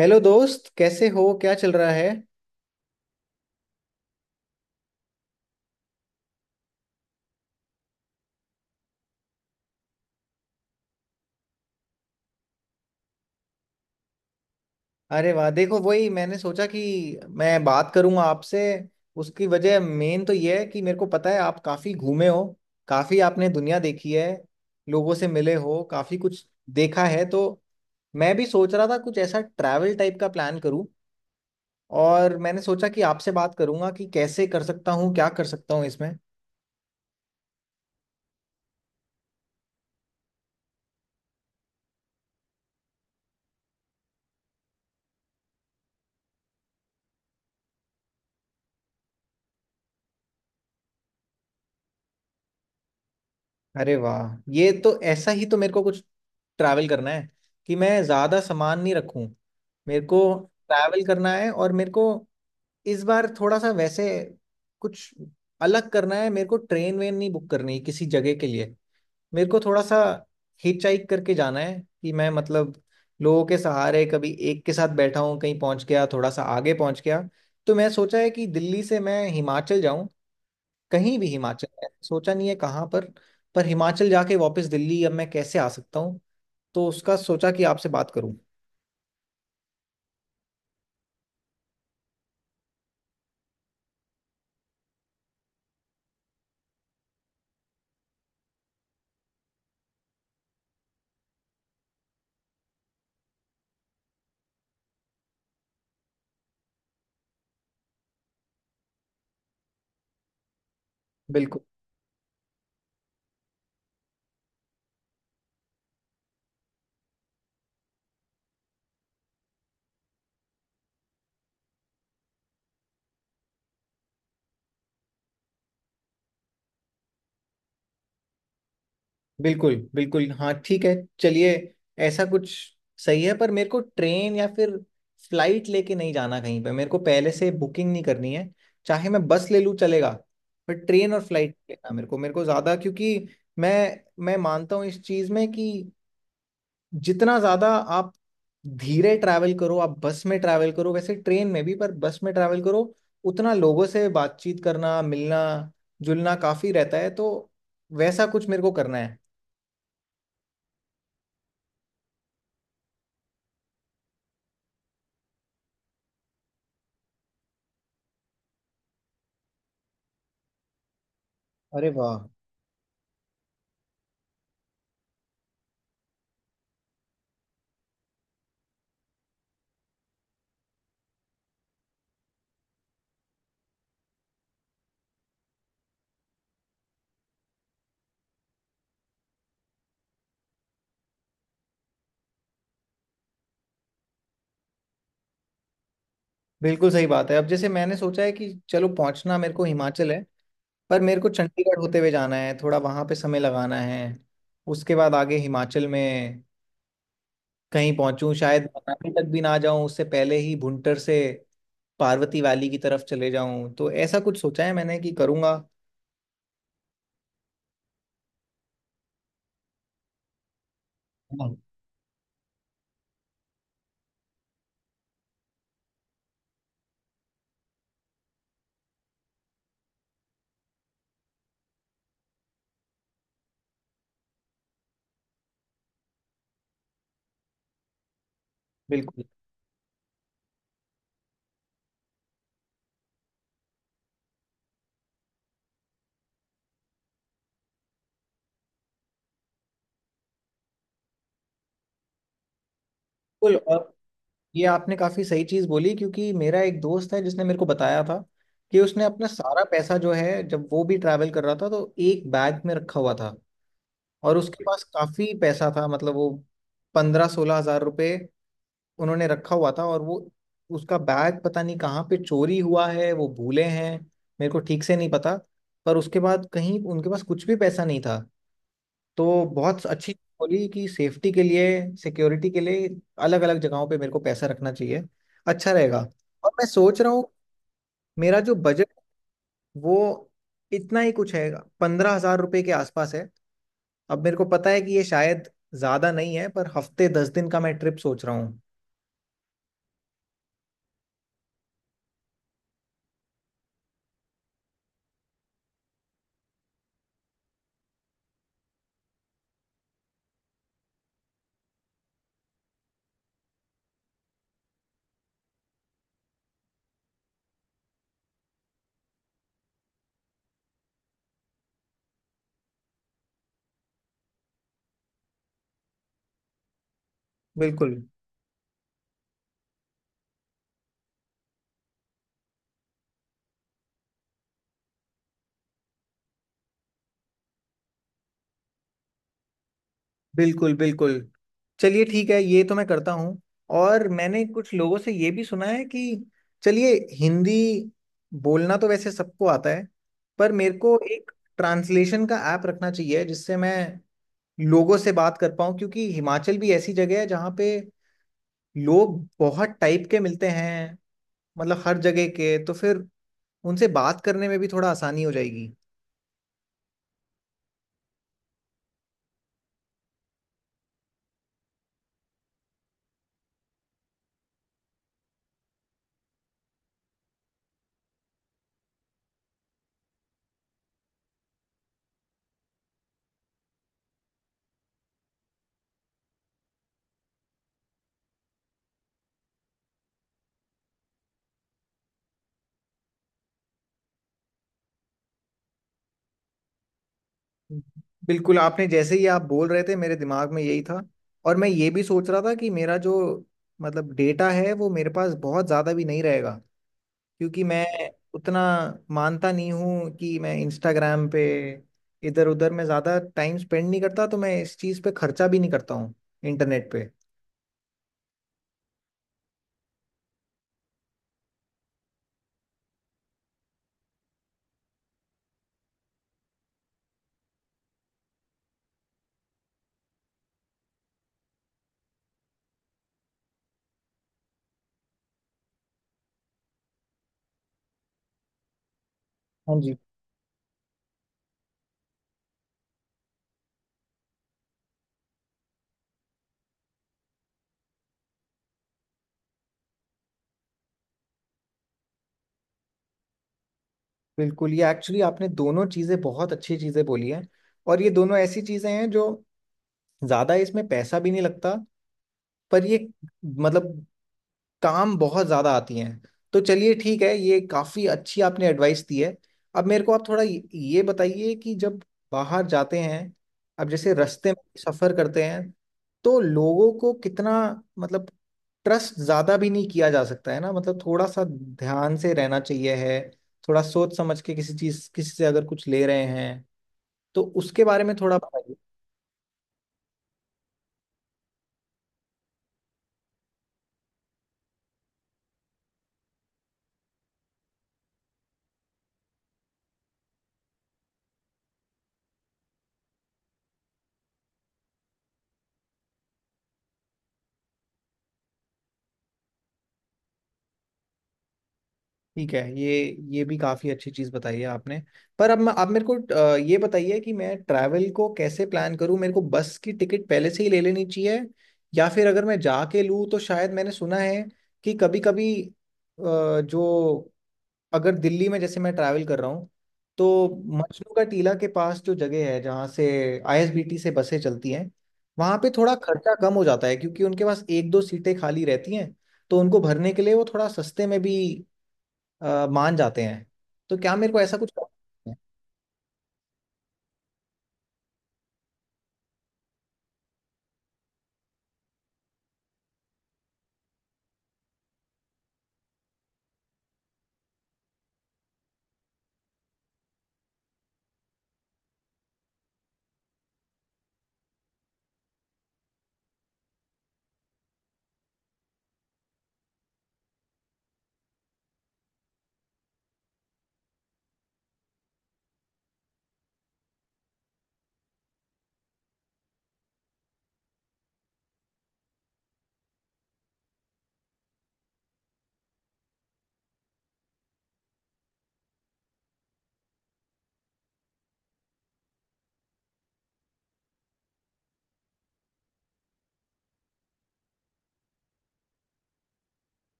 Hello दोस्त, कैसे हो? क्या चल रहा है? अरे वाह, देखो वही मैंने सोचा कि मैं बात करूंगा आपसे। उसकी वजह मेन तो ये है कि मेरे को पता है, आप काफी घूमे हो, काफी आपने दुनिया देखी है, लोगों से मिले हो, काफी कुछ देखा है। तो मैं भी सोच रहा था कुछ ऐसा ट्रैवल टाइप का प्लान करूं, और मैंने सोचा कि आपसे बात करूंगा कि कैसे कर सकता हूँ, क्या कर सकता हूँ इसमें। अरे वाह, ये तो ऐसा ही। तो मेरे को कुछ ट्रैवल करना है कि मैं ज़्यादा सामान नहीं रखूं। मेरे को ट्रैवल करना है, और मेरे को इस बार थोड़ा सा वैसे कुछ अलग करना है। मेरे को ट्रेन वेन नहीं बुक करनी किसी जगह के लिए। मेरे को थोड़ा सा हिच हाइक करके जाना है कि मैं, मतलब लोगों के सहारे, कभी एक के साथ बैठा हूँ, कहीं पहुंच गया, थोड़ा सा आगे पहुंच गया। तो मैं सोचा है कि दिल्ली से मैं हिमाचल जाऊं, कहीं भी हिमाचल में, सोचा नहीं है कहाँ पर। पर हिमाचल जाके वापस दिल्ली अब मैं कैसे आ सकता हूँ, तो उसका सोचा कि आपसे बात करूँ। बिल्कुल बिल्कुल बिल्कुल, हाँ ठीक है। चलिए, ऐसा कुछ सही है। पर मेरे को ट्रेन या फिर फ्लाइट लेके नहीं जाना। कहीं पे मेरे को पहले से बुकिंग नहीं करनी है। चाहे मैं बस ले लूँ, चलेगा। पर ट्रेन और फ्लाइट लेना मेरे को ज़्यादा, क्योंकि मैं मैं मानता हूँ इस चीज़ में कि जितना ज्यादा आप धीरे ट्रैवल करो, आप बस में ट्रैवल करो, वैसे ट्रेन में भी, पर बस में ट्रैवल करो, उतना लोगों से बातचीत करना, मिलना जुलना काफी रहता है। तो वैसा कुछ मेरे को करना है। अरे वाह। बिल्कुल सही बात है। अब जैसे मैंने सोचा है कि चलो, पहुंचना मेरे को हिमाचल है, पर मेरे को चंडीगढ़ होते हुए जाना है, थोड़ा वहां पे समय लगाना है। उसके बाद आगे हिमाचल में कहीं पहुंचूं, शायद मनाली तक भी ना जाऊं, उससे पहले ही भुंटर से पार्वती वैली की तरफ चले जाऊं। तो ऐसा कुछ सोचा है मैंने कि करूंगा। हाँ। बिल्कुल बिल्कुल, और ये आपने काफी सही चीज बोली, क्योंकि मेरा एक दोस्त है जिसने मेरे को बताया था कि उसने अपना सारा पैसा जो है, जब वो भी ट्रैवल कर रहा था, तो एक बैग में रखा हुआ था। और उसके पास काफी पैसा था, मतलब वो 15-16 हज़ार रुपए उन्होंने रखा हुआ था। और वो, उसका बैग पता नहीं कहाँ पे चोरी हुआ है, वो भूले हैं, मेरे को ठीक से नहीं पता। पर उसके बाद कहीं उनके पास कुछ भी पैसा नहीं था। तो बहुत अच्छी चीज़ बोली कि सेफ्टी के लिए, सिक्योरिटी के लिए अलग अलग जगहों पे मेरे को पैसा रखना चाहिए, अच्छा रहेगा। और मैं सोच रहा हूँ मेरा जो बजट, वो इतना ही कुछ है, 15 हज़ार रुपये के आसपास है। अब मेरे को पता है कि ये शायद ज्यादा नहीं है, पर हफ्ते 10 दिन का मैं ट्रिप सोच रहा हूँ। बिल्कुल बिल्कुल बिल्कुल। चलिए ठीक है, ये तो मैं करता हूँ। और मैंने कुछ लोगों से ये भी सुना है कि, चलिए, हिंदी बोलना तो वैसे सबको आता है, पर मेरे को एक ट्रांसलेशन का ऐप रखना चाहिए जिससे मैं लोगों से बात कर पाऊँ, क्योंकि हिमाचल भी ऐसी जगह है जहाँ पे लोग बहुत टाइप के मिलते हैं, मतलब हर जगह के। तो फिर उनसे बात करने में भी थोड़ा आसानी हो जाएगी। बिल्कुल, आपने जैसे ही आप बोल रहे थे, मेरे दिमाग में यही था। और मैं ये भी सोच रहा था कि मेरा जो, मतलब डेटा है, वो मेरे पास बहुत ज़्यादा भी नहीं रहेगा, क्योंकि मैं उतना मानता नहीं हूँ कि मैं इंस्टाग्राम पे इधर उधर में ज़्यादा टाइम स्पेंड नहीं करता। तो मैं इस चीज़ पे खर्चा भी नहीं करता हूँ इंटरनेट पे। हाँ जी, बिल्कुल। ये एक्चुअली आपने दोनों चीज़ें बहुत अच्छी चीज़ें बोली हैं, और ये दोनों ऐसी चीज़ें हैं जो, ज़्यादा इसमें पैसा भी नहीं लगता, पर ये, मतलब काम बहुत ज्यादा आती हैं। तो चलिए ठीक है, ये काफी अच्छी आपने एडवाइस दी है। अब मेरे को आप थोड़ा ये बताइए कि जब बाहर जाते हैं, अब जैसे रास्ते में सफर करते हैं, तो लोगों को कितना, मतलब ट्रस्ट ज्यादा भी नहीं किया जा सकता है ना, मतलब थोड़ा सा ध्यान से रहना चाहिए है, थोड़ा सोच समझ के किसी चीज किसी से अगर कुछ ले रहे हैं, तो उसके बारे में थोड़ा बताइए। ठीक है, ये भी काफ़ी अच्छी चीज़ बताई है आपने। पर अब आप मेरे को ये बताइए कि मैं ट्रैवल को कैसे प्लान करूं। मेरे को बस की टिकट पहले से ही ले लेनी चाहिए, या फिर अगर मैं जाके लूँ? तो शायद मैंने सुना है कि कभी कभी जो, अगर दिल्ली में जैसे मैं ट्रैवल कर रहा हूँ, तो मजनू का टीला के पास जो जगह है, जहाँ से आईएसबीटी से बसें चलती हैं, वहाँ पे थोड़ा खर्चा कम हो जाता है, क्योंकि उनके पास एक दो सीटें खाली रहती हैं, तो उनको भरने के लिए वो थोड़ा सस्ते में भी मान जाते हैं। तो क्या मेरे को ऐसा कुछ करना है?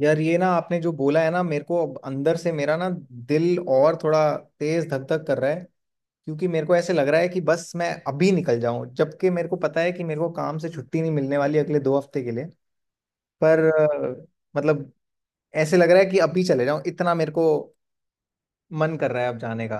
यार, ये ना आपने जो बोला है ना, मेरे को अब अंदर से मेरा ना दिल और थोड़ा तेज धक धक कर रहा है, क्योंकि मेरे को ऐसे लग रहा है कि बस मैं अभी निकल जाऊं, जबकि मेरे को पता है कि मेरे को काम से छुट्टी नहीं मिलने वाली अगले 2 हफ्ते के लिए। पर मतलब ऐसे लग रहा है कि अभी चले जाऊं, इतना मेरे को मन कर रहा है अब जाने का।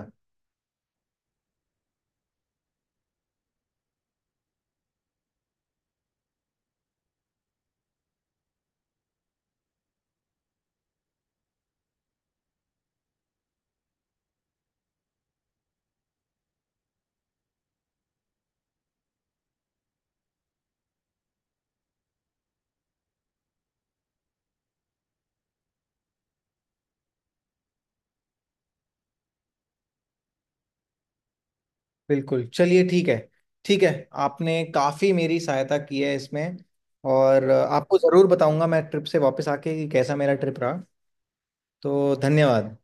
बिल्कुल, चलिए ठीक है, ठीक है। आपने काफ़ी मेरी सहायता की है इसमें, और आपको ज़रूर बताऊंगा मैं ट्रिप से वापस आके कि कैसा मेरा ट्रिप रहा। तो धन्यवाद।